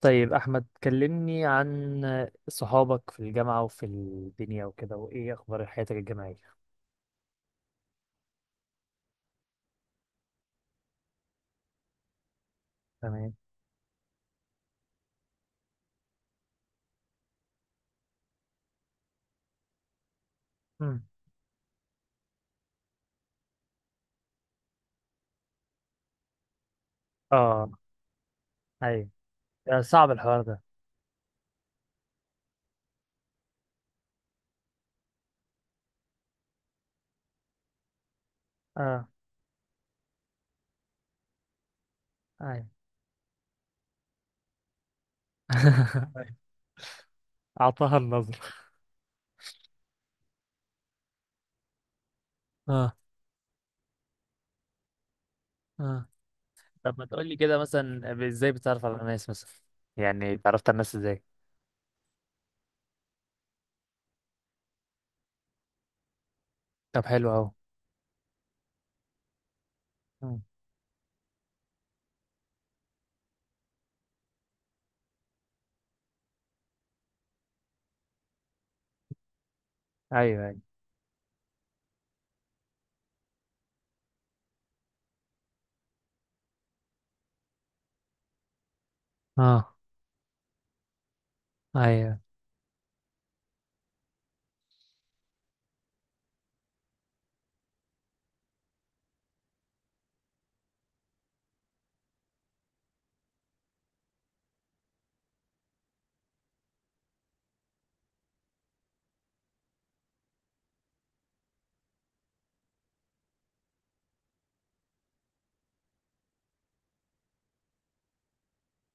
طيب، أحمد كلمني عن صحابك في الجامعة وفي الدنيا وكده، وإيه أخبار حياتك الجامعية؟ تمام. مم. آه. أيوة. آه، صعب الحوار ده. آه. أيوة. أيوة. أعطاها النظر. آه. آه. طب ما تقولي كده مثلا، إزاي بتتعرف على الناس مثلا؟ يعني اتعرفت على الناس إزاي؟ طب، حلو أهو. مم. أيوة، أيوة. آه. أيوة.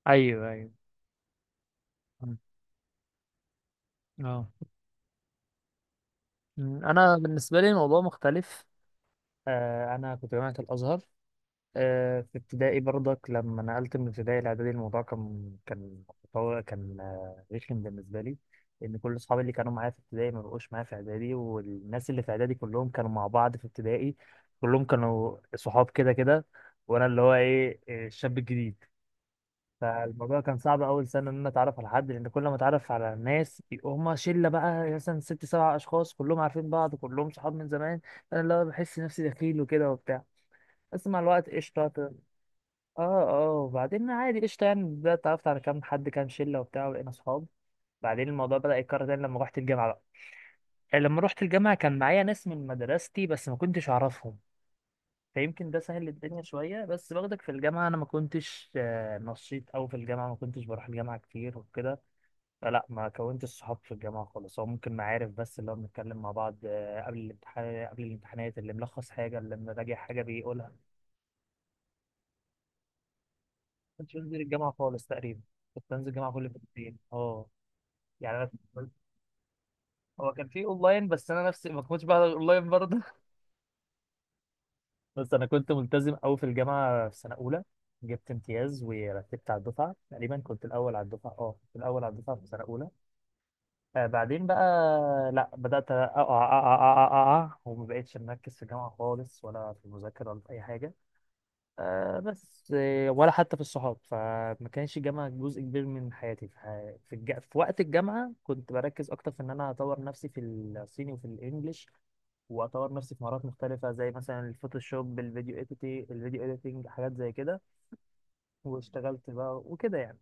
أيوه، أيوه. مم. آه. مم. أنا بالنسبة لي الموضوع مختلف. آه، أنا كنت جامعة الأزهر. آه، في ابتدائي برضك لما نقلت من ابتدائي لاعدادي، الموضوع كان كان رخم بالنسبه لي. لان كل اصحابي اللي كانوا معايا في ابتدائي ما بقوش معايا في اعدادي، والناس اللي في اعدادي كلهم كانوا مع بعض في ابتدائي. كلهم كانوا صحاب كده كده. وانا اللي هو ايه آه، الشاب الجديد. فالموضوع كان صعب اول سنه ان انا اتعرف على حد، لان كل ما اتعرف على ناس هم شله، بقى مثلا ست سبع اشخاص كلهم عارفين بعض، كلهم صحاب من زمان. انا اللي هو بحس نفسي دخيل وكده وبتاع. بس مع الوقت قشطه. اه. اه، وبعدين عادي قشطة، يعني بدأت اتعرفت على كام حد كام شلة وبتاع، وبقينا صحاب. بعدين الموضوع بدأ يتكرر تاني لما روحت الجامعة بقى. يعني لما روحت الجامعة كان معايا ناس من مدرستي، بس ما كنتش أعرفهم. فيمكن ده سهل الدنيا شوية، بس برضك في الجامعة أنا ما كنتش نشيط أوي، في الجامعة ما كنتش بروح الجامعة كتير وكده. فلا ما كونتش صحاب في الجامعة خالص، هو ممكن معارف بس اللي هو بنتكلم مع بعض قبل الامتحانات، اللي ملخص حاجة اللي مراجع حاجة بيقولها، ما كنتش بنزل الجامعة خالص تقريبا. كنت بنزل الجامعة كل فين وفين. اه. يعني أنا كنت- هو كان في اونلاين بس انا نفسي ما كنتش بحضر اونلاين برضه. بس انا كنت ملتزم قوي في الجامعه في سنه اولى. جبت امتياز، ورتبت على الدفعه، تقريبا كنت الاول على الدفعه، اه، كنت الاول على الدفعه في سنه اولى. آه، بعدين بقى، لا، بدات اقع اقع اقع اقع. أقع، وما بقتش مركز في الجامعه خالص، ولا في المذاكره، ولا في اي حاجه. بس ولا حتى في الصحاب، فما كانش الجامعه جزء كبير من حياتي، في وقت الجامعه كنت بركز اكتر في ان انا اطور نفسي في الصيني وفي الانجليش. واطور نفسي في مهارات مختلفه زي مثلا الفوتوشوب، الفيديو اديتنج، حاجات زي كده. واشتغلت بقى وكده يعني.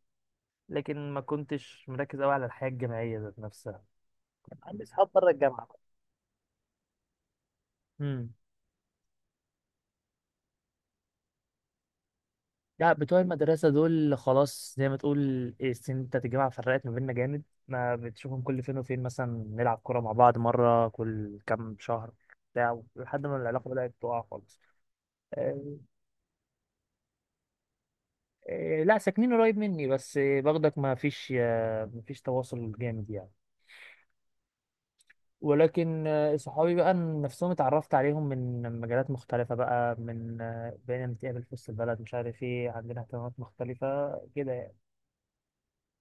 لكن ما كنتش مركز قوي على الحياه الجامعيه ذات نفسها. كان عندي اصحاب بره الجامعه بقى. امم. لا، بتوع المدرسه دول خلاص زي ما تقول. إيه، السن بتاعت الجامعه فرقت ما بيننا جامد. ما بتشوفهم كل فين وفين، مثلا نلعب كوره مع بعض مره كل كام شهر. بتاع، لحد ما العلاقه بدات تقع خالص. آه، لا، ساكنين قريب مني، بس باخدك، ما فيش تواصل جامد يعني. ولكن صحابي بقى نفسهم اتعرفت عليهم من مجالات مختلفة، بقى من بقينا نتقابل في وسط البلد، مش عارف ايه، عندنا اهتمامات مختلفة كده يعني.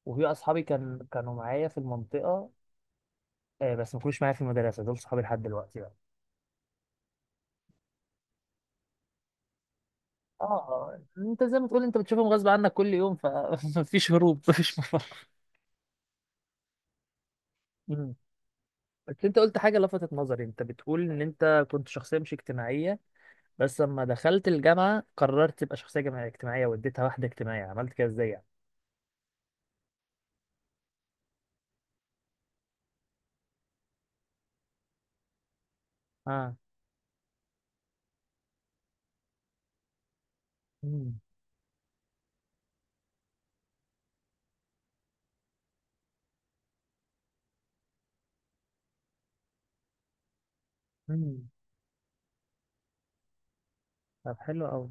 وفي أصحابي كانوا معايا في المنطقة. بس ما كانوش معايا في المدرسة، دول صحابي لحد دلوقتي بقى. انت زي ما تقول انت بتشوفهم غصب عنك كل يوم، فمفيش هروب، مفيش مفر. مم. بس انت قلت حاجة لفتت نظري، انت بتقول ان انت كنت شخصية مش اجتماعية. بس لما دخلت الجامعة قررت تبقى شخصية اجتماعية، واديتها واحدة اجتماعية، عملت كده ازاي يعني؟ اه. مم. مم. طب، حلو قوي.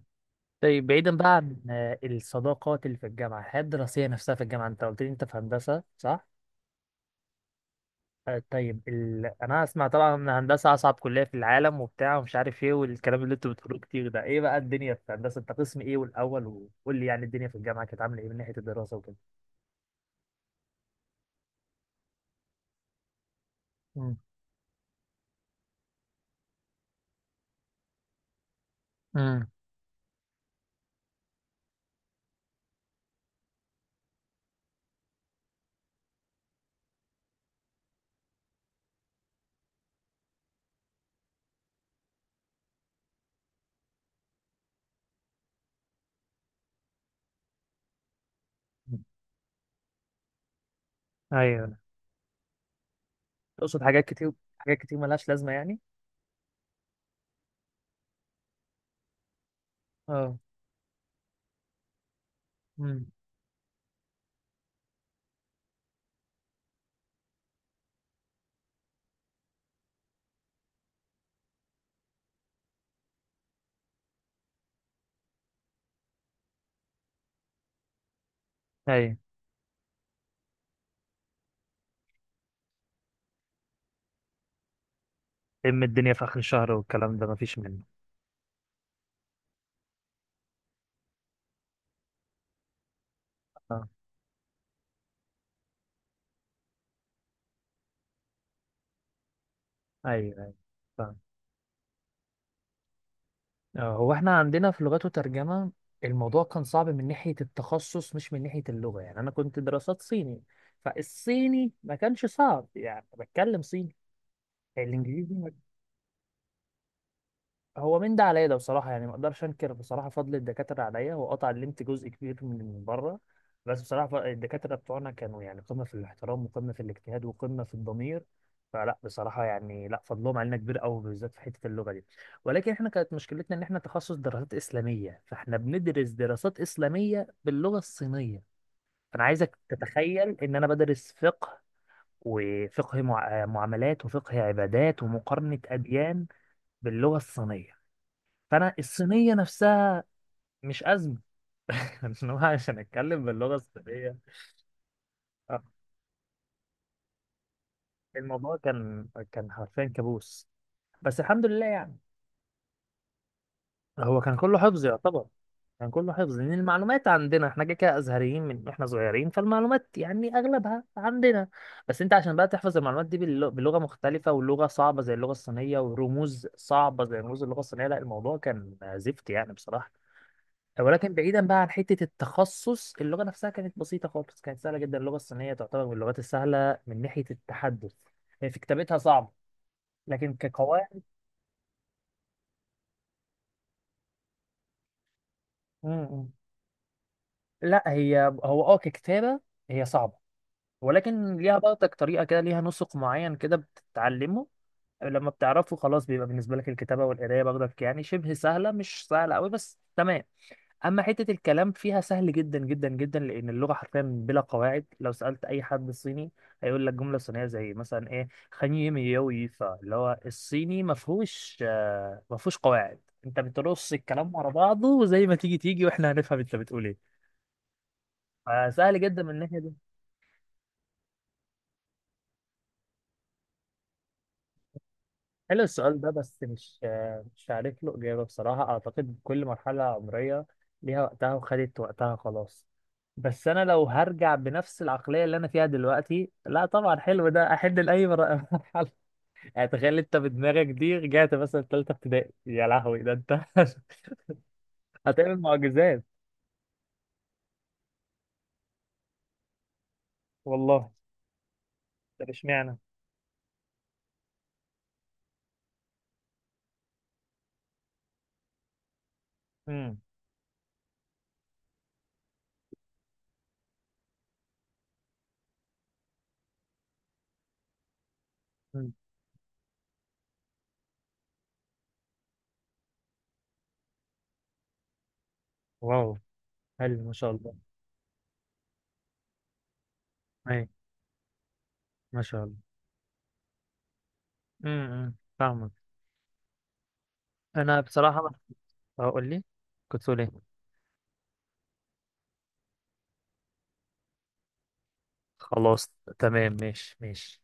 طيب، بعيدا بقى عن الصداقات اللي في الجامعه، الحياه الدراسيه نفسها في الجامعه، انت قلت لي انت في هندسه صح؟ طيب، انا اسمع طبعا ان هندسه اصعب كليه في العالم وبتاع، ومش عارف ايه، والكلام اللي انتوا بتقولوه كتير ده، ايه بقى الدنيا في هندسه؟ انت قسم ايه والاول؟ وقول لي يعني الدنيا في الجامعه كانت عامله ايه من ناحيه الدراسه وكده؟ مم. مم. ايوه. تقصد حاجات كتير؟ حاجات كتير ملهاش لازمه يعني. اه. مم. ايوه. ام الدنيا في اخر الشهر والكلام ده مفيش منه. اه. ايوه، ايوه. هو احنا عندنا في لغات وترجمة. الموضوع كان صعب من ناحية التخصص، مش من ناحية اللغة، يعني أنا كنت دراسات صيني. فالصيني ما كانش صعب، يعني بتكلم صيني. الإنجليزي ما هو من ده عليا ده بصراحة، يعني ما اقدرش انكر بصراحة فضل الدكاترة عليا، هو قطع لمت جزء كبير من بره. بس بصراحة الدكاترة بتوعنا كانوا يعني قمة في الاحترام، وقمة في الاجتهاد، وقمة في الضمير. فلا بصراحة يعني، لا، فضلهم علينا كبير قوي، بالذات في حتة اللغة دي. ولكن احنا كانت مشكلتنا ان احنا تخصص دراسات إسلامية، فاحنا بندرس دراسات إسلامية باللغة الصينية. فانا عايزك تتخيل ان انا بدرس فقه، وفقه معاملات، وفقه عبادات، ومقارنة أديان، باللغة الصينية. فانا الصينيه نفسها مش ازمه. إن هو عشان اتكلم باللغه الصينيه. آه، الموضوع كان حرفيا كابوس. بس الحمد لله يعني. هو كان كله حفظ يعتبر. كان كله حفظ لان المعلومات عندنا احنا كده كده ازهريين من احنا صغيرين، فالمعلومات يعني اغلبها عندنا. بس انت عشان بقى تحفظ المعلومات دي بلغه مختلفه، ولغه صعبه زي اللغه الصينيه، ورموز صعبه زي رموز اللغه الصينيه، لا الموضوع كان زفت يعني بصراحه. ولكن بعيدا بقى عن حته التخصص، اللغه نفسها كانت بسيطه خالص، كانت سهله جدا، اللغه الصينيه تعتبر من اللغات السهله من ناحيه التحدث. هي في كتابتها صعبه. لكن كقواعد. امم. لا، هو ككتابه، هي صعبه. ولكن ليها برضك طريقه كده، ليها نسق معين كده بتتعلمه. لما بتعرفه خلاص بيبقى بالنسبه لك الكتابه والقرايه برضك يعني شبه سهله، مش سهله قوي بس تمام. اما حته الكلام فيها سهل جدا جدا جدا، لان اللغه حرفيا بلا قواعد، لو سالت اي حد صيني هيقول لك جمله صينيه زي مثلا خني ميوي، فاللي هو الصيني ما فيهوش قواعد. انت بترص الكلام ورا بعضه، وزي ما تيجي تيجي، واحنا هنفهم انت بتقول ايه. فسهل جدا من الناحيه دي. حلو السؤال ده، بس مش عارف له إجابة بصراحة، أعتقد كل مرحلة عمرية ليها وقتها وخدت وقتها خلاص. بس أنا لو هرجع بنفس العقلية اللي أنا فيها دلوقتي، لا طبعا حلو ده أحد لأي مرحلة. يعني تخيل أنت بدماغك دي رجعت مثلا تالتة ابتدائي، يا لهوي ده أنت! هتعمل معجزات. والله. طب اشمعنى؟ امم. امم. واو. حلو، ما شاء الله. أي. ما شاء الله. امم. فاهمك. أنا بصراحة. هقول لي. كنت تقول إيه؟ خلاص. تمام، ماشي ماشي.